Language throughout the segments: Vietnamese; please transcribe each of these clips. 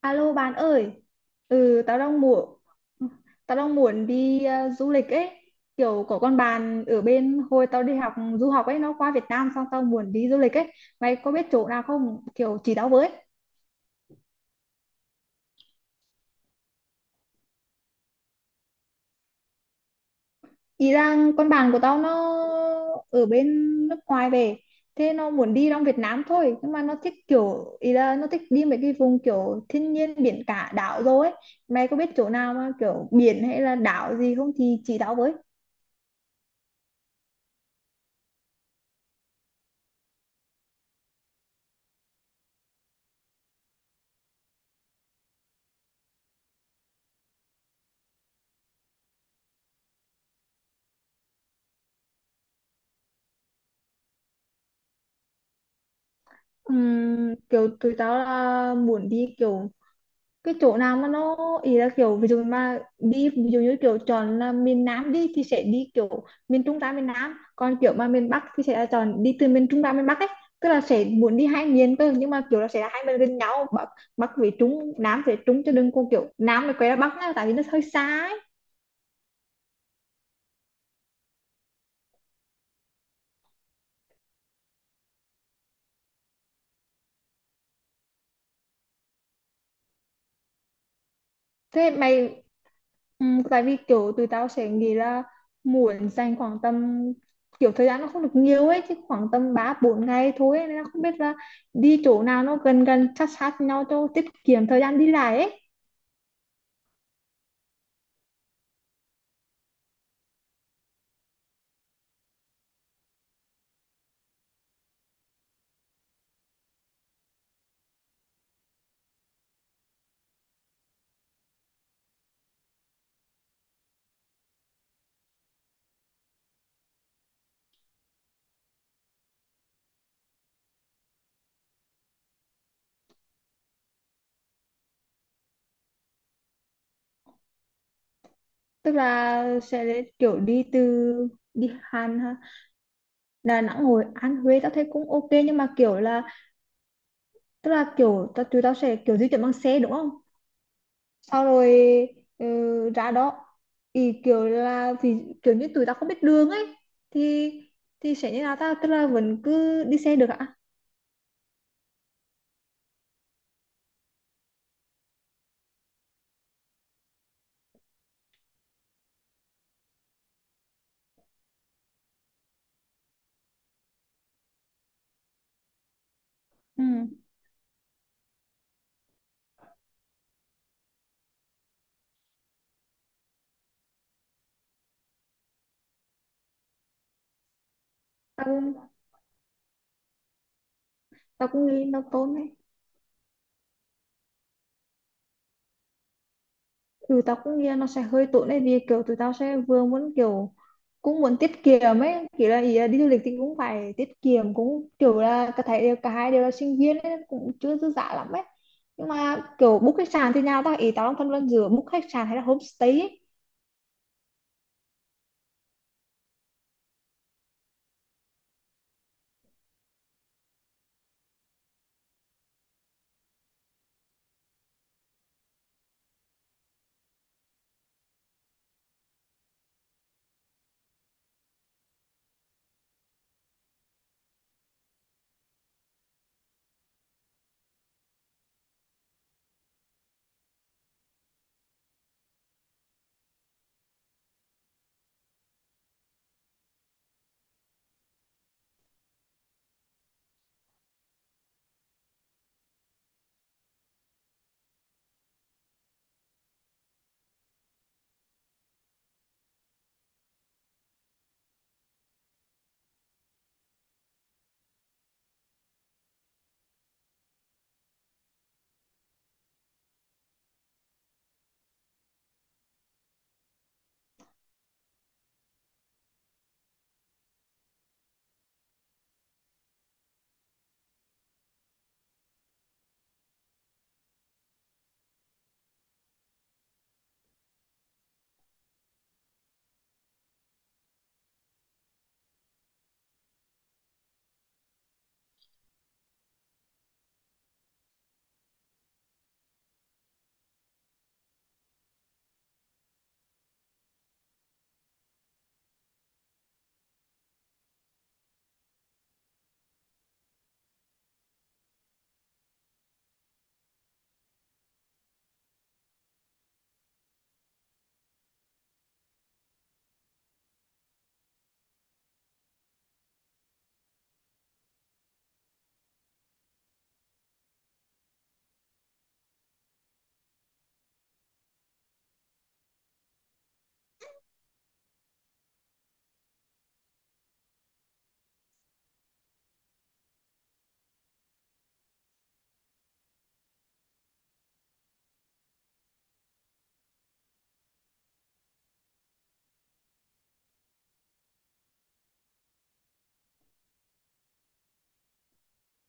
Alo bạn ơi, ừ tao đang muốn đi du lịch ấy, kiểu có con bạn ở bên hồi tao đi học du học ấy, nó qua Việt Nam xong tao muốn đi du lịch ấy, mày có biết chỗ nào không? Kiểu chỉ tao với. Ý rằng con bạn của tao nó ở bên nước ngoài về, thế nó muốn đi trong Việt Nam thôi, nhưng mà nó thích kiểu ý là nó thích đi mấy cái vùng kiểu thiên nhiên biển cả đảo rồi ấy. Mày có biết chỗ nào mà kiểu biển hay là đảo gì không thì chỉ tao với. Kiểu tụi tao là muốn đi kiểu cái chỗ nào mà nó ý là kiểu ví dụ mà đi ví dụ như kiểu chọn là miền Nam đi thì sẽ đi kiểu miền Trung ra miền Nam, còn kiểu mà miền Bắc thì sẽ là chọn đi từ miền Trung ra miền Bắc ấy, tức là sẽ muốn đi hai miền cơ, nhưng mà kiểu là sẽ là hai miền gần nhau, Bắc Bắc về Trung, Nam về Trung, chứ đừng có kiểu Nam này quay ra Bắc nha, tại vì nó hơi xa ấy. Thế mày, ừ, tại vì kiểu tụi tao sẽ nghĩ là muốn dành khoảng tầm, kiểu thời gian nó không được nhiều ấy, chứ khoảng tầm 3 4 ngày thôi ấy. Nên là không biết là đi chỗ nào nó gần gần sát sát nhau cho tiết kiệm thời gian đi lại ấy, tức là sẽ để kiểu đi từ đi Hàn ha, Đà Nẵng Hồi An Huế tao thấy cũng ok, nhưng mà kiểu là tức là kiểu tụi tao sẽ kiểu di chuyển bằng xe đúng không, sau rồi ừ, ra đó thì kiểu là thì, kiểu như tụi tao không biết đường ấy, thì thì sẽ như là ta, tức là vẫn cứ đi xe được ạ. Ừ. tao cũng tao cũng nghĩ nó tốt đấy. Ừ, tao cũng nghĩ là nó sẽ hơi tốn đấy, vì kiểu tụi tao sẽ vừa muốn kiểu cũng muốn tiết kiệm ấy, kiểu là ý là đi du lịch thì cũng phải tiết kiệm, cũng kiểu là cả thấy cả hai đều là sinh viên ấy, cũng chưa dư dả lắm ấy, nhưng mà kiểu book khách sạn thì nào ta, ý tao đang phân vân giữa book khách sạn hay là homestay ấy.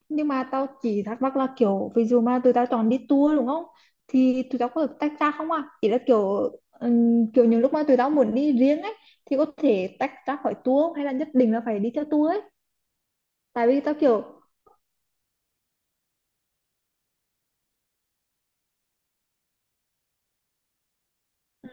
Nhưng mà tao chỉ thắc mắc là kiểu ví dụ mà tụi tao chọn đi tour đúng không, thì tụi tao có được tách ra không, à chỉ là kiểu kiểu những lúc mà tụi tao muốn đi riêng ấy thì có thể tách ra khỏi tour không? Hay là nhất định là phải đi theo tour ấy? Tại vì tao kiểu, ừ.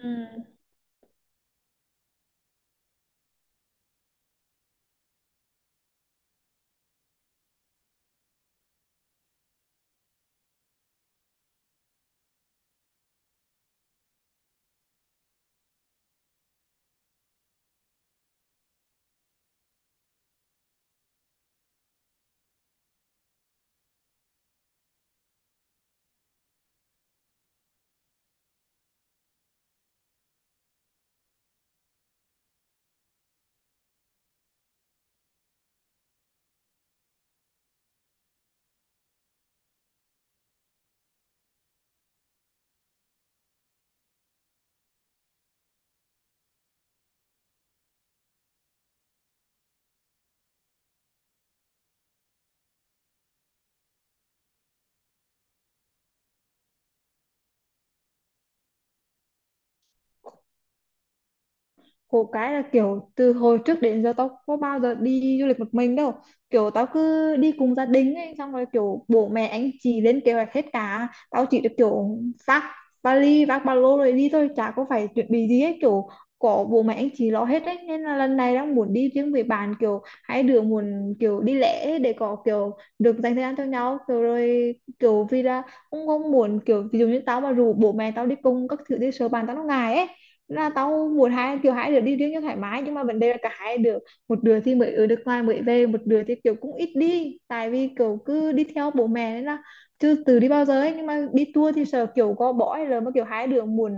Khổ cái là kiểu từ hồi trước đến giờ tao có bao giờ đi du lịch một mình đâu, kiểu tao cứ đi cùng gia đình ấy, xong rồi kiểu bố mẹ anh chị lên kế hoạch hết cả, tao chỉ được kiểu vác vali vác ba lô rồi đi thôi, chả có phải chuẩn bị gì hết, kiểu có bố mẹ anh chị lo hết đấy, nên là lần này đang muốn đi riêng với bạn, kiểu hai đứa muốn kiểu đi lẻ ấy để có kiểu được dành thời gian cho nhau, kiểu rồi kiểu vì là cũng không muốn kiểu ví dụ như tao mà rủ bố mẹ tao đi cùng các thứ đi, sợ bạn tao nó ngại ấy, là tao muốn hai kiểu hai đứa đi riêng cho thoải mái, nhưng mà vấn đề là cả hai đứa, một đứa thì mới ở nước ngoài mới về, một đứa thì kiểu cũng ít đi tại vì kiểu cứ đi theo bố mẹ nên là chưa từ đi bao giờ ấy, nhưng mà đi tour thì sợ kiểu có bỏ, hay là mà kiểu hai đứa muốn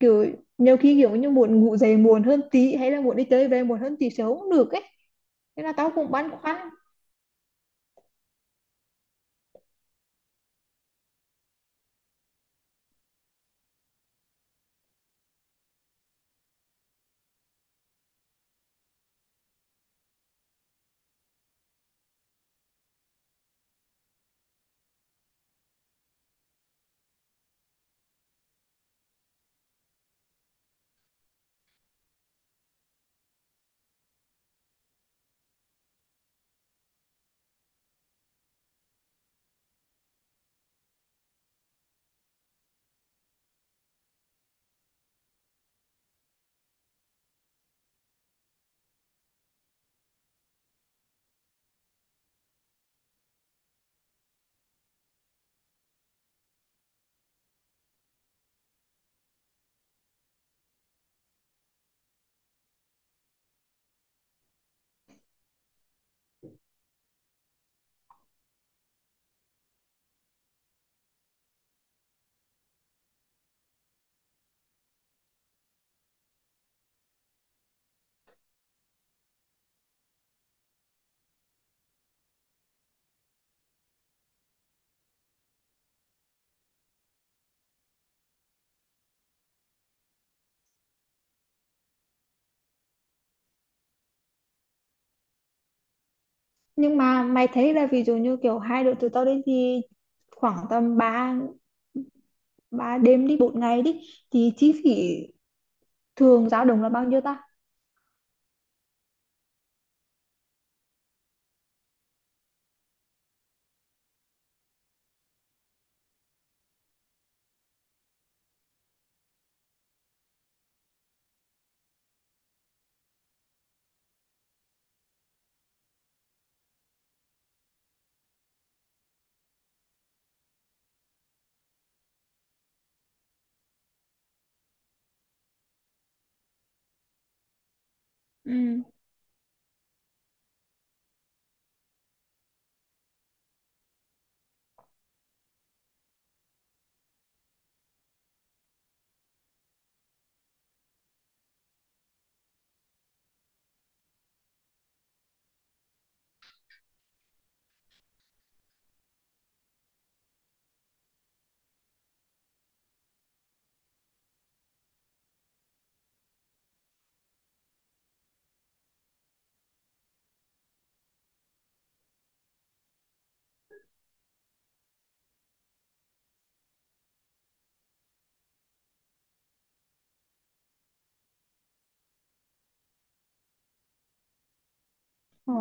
kiểu nhiều khi kiểu như muốn ngủ dậy muộn hơn tí, hay là muốn đi chơi về muộn hơn tí sớm cũng được ấy, nên là tao cũng băn khoăn. Nhưng mà mày thấy là ví dụ như kiểu hai đứa tụi tao đi thì khoảng tầm ba ba đêm đi bốn ngày đi thì chi phí thường dao động là bao nhiêu ta? Ừ. Ờ.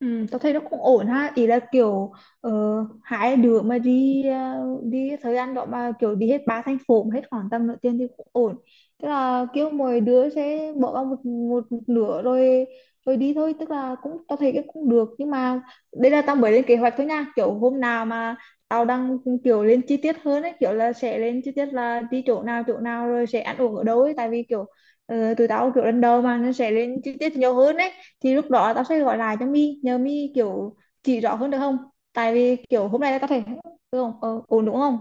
Ừ, tao thấy nó cũng ổn ha, ý là kiểu ờ, hai đứa mà đi đi thời gian đó mà kiểu đi hết ba thành phố mà hết khoảng tầm nửa tiền thì cũng ổn, tức là kiểu mỗi đứa sẽ bỏ vào một, một, nửa rồi rồi đi thôi, tức là cũng tao thấy cái cũng được, nhưng mà đây là tao mới lên kế hoạch thôi nha, kiểu hôm nào mà tao đang kiểu lên chi tiết hơn ấy, kiểu là sẽ lên chi tiết là đi chỗ nào rồi sẽ ăn uống ở đâu ấy, tại vì kiểu tụi tao kiểu lần đầu mà nó sẽ lên chi tiết nhiều hơn ấy, thì lúc đó tao sẽ gọi lại cho My nhờ My kiểu chỉ rõ hơn được không, tại vì kiểu hôm nay tao thể ừ, không? Ờ, ổn đúng không?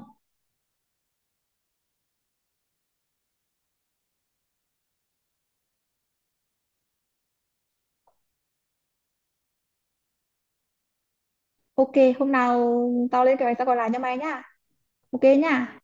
Ok, hôm nào tao lên kế hoạch tao gọi lại cho mày nhá. Ok nhá.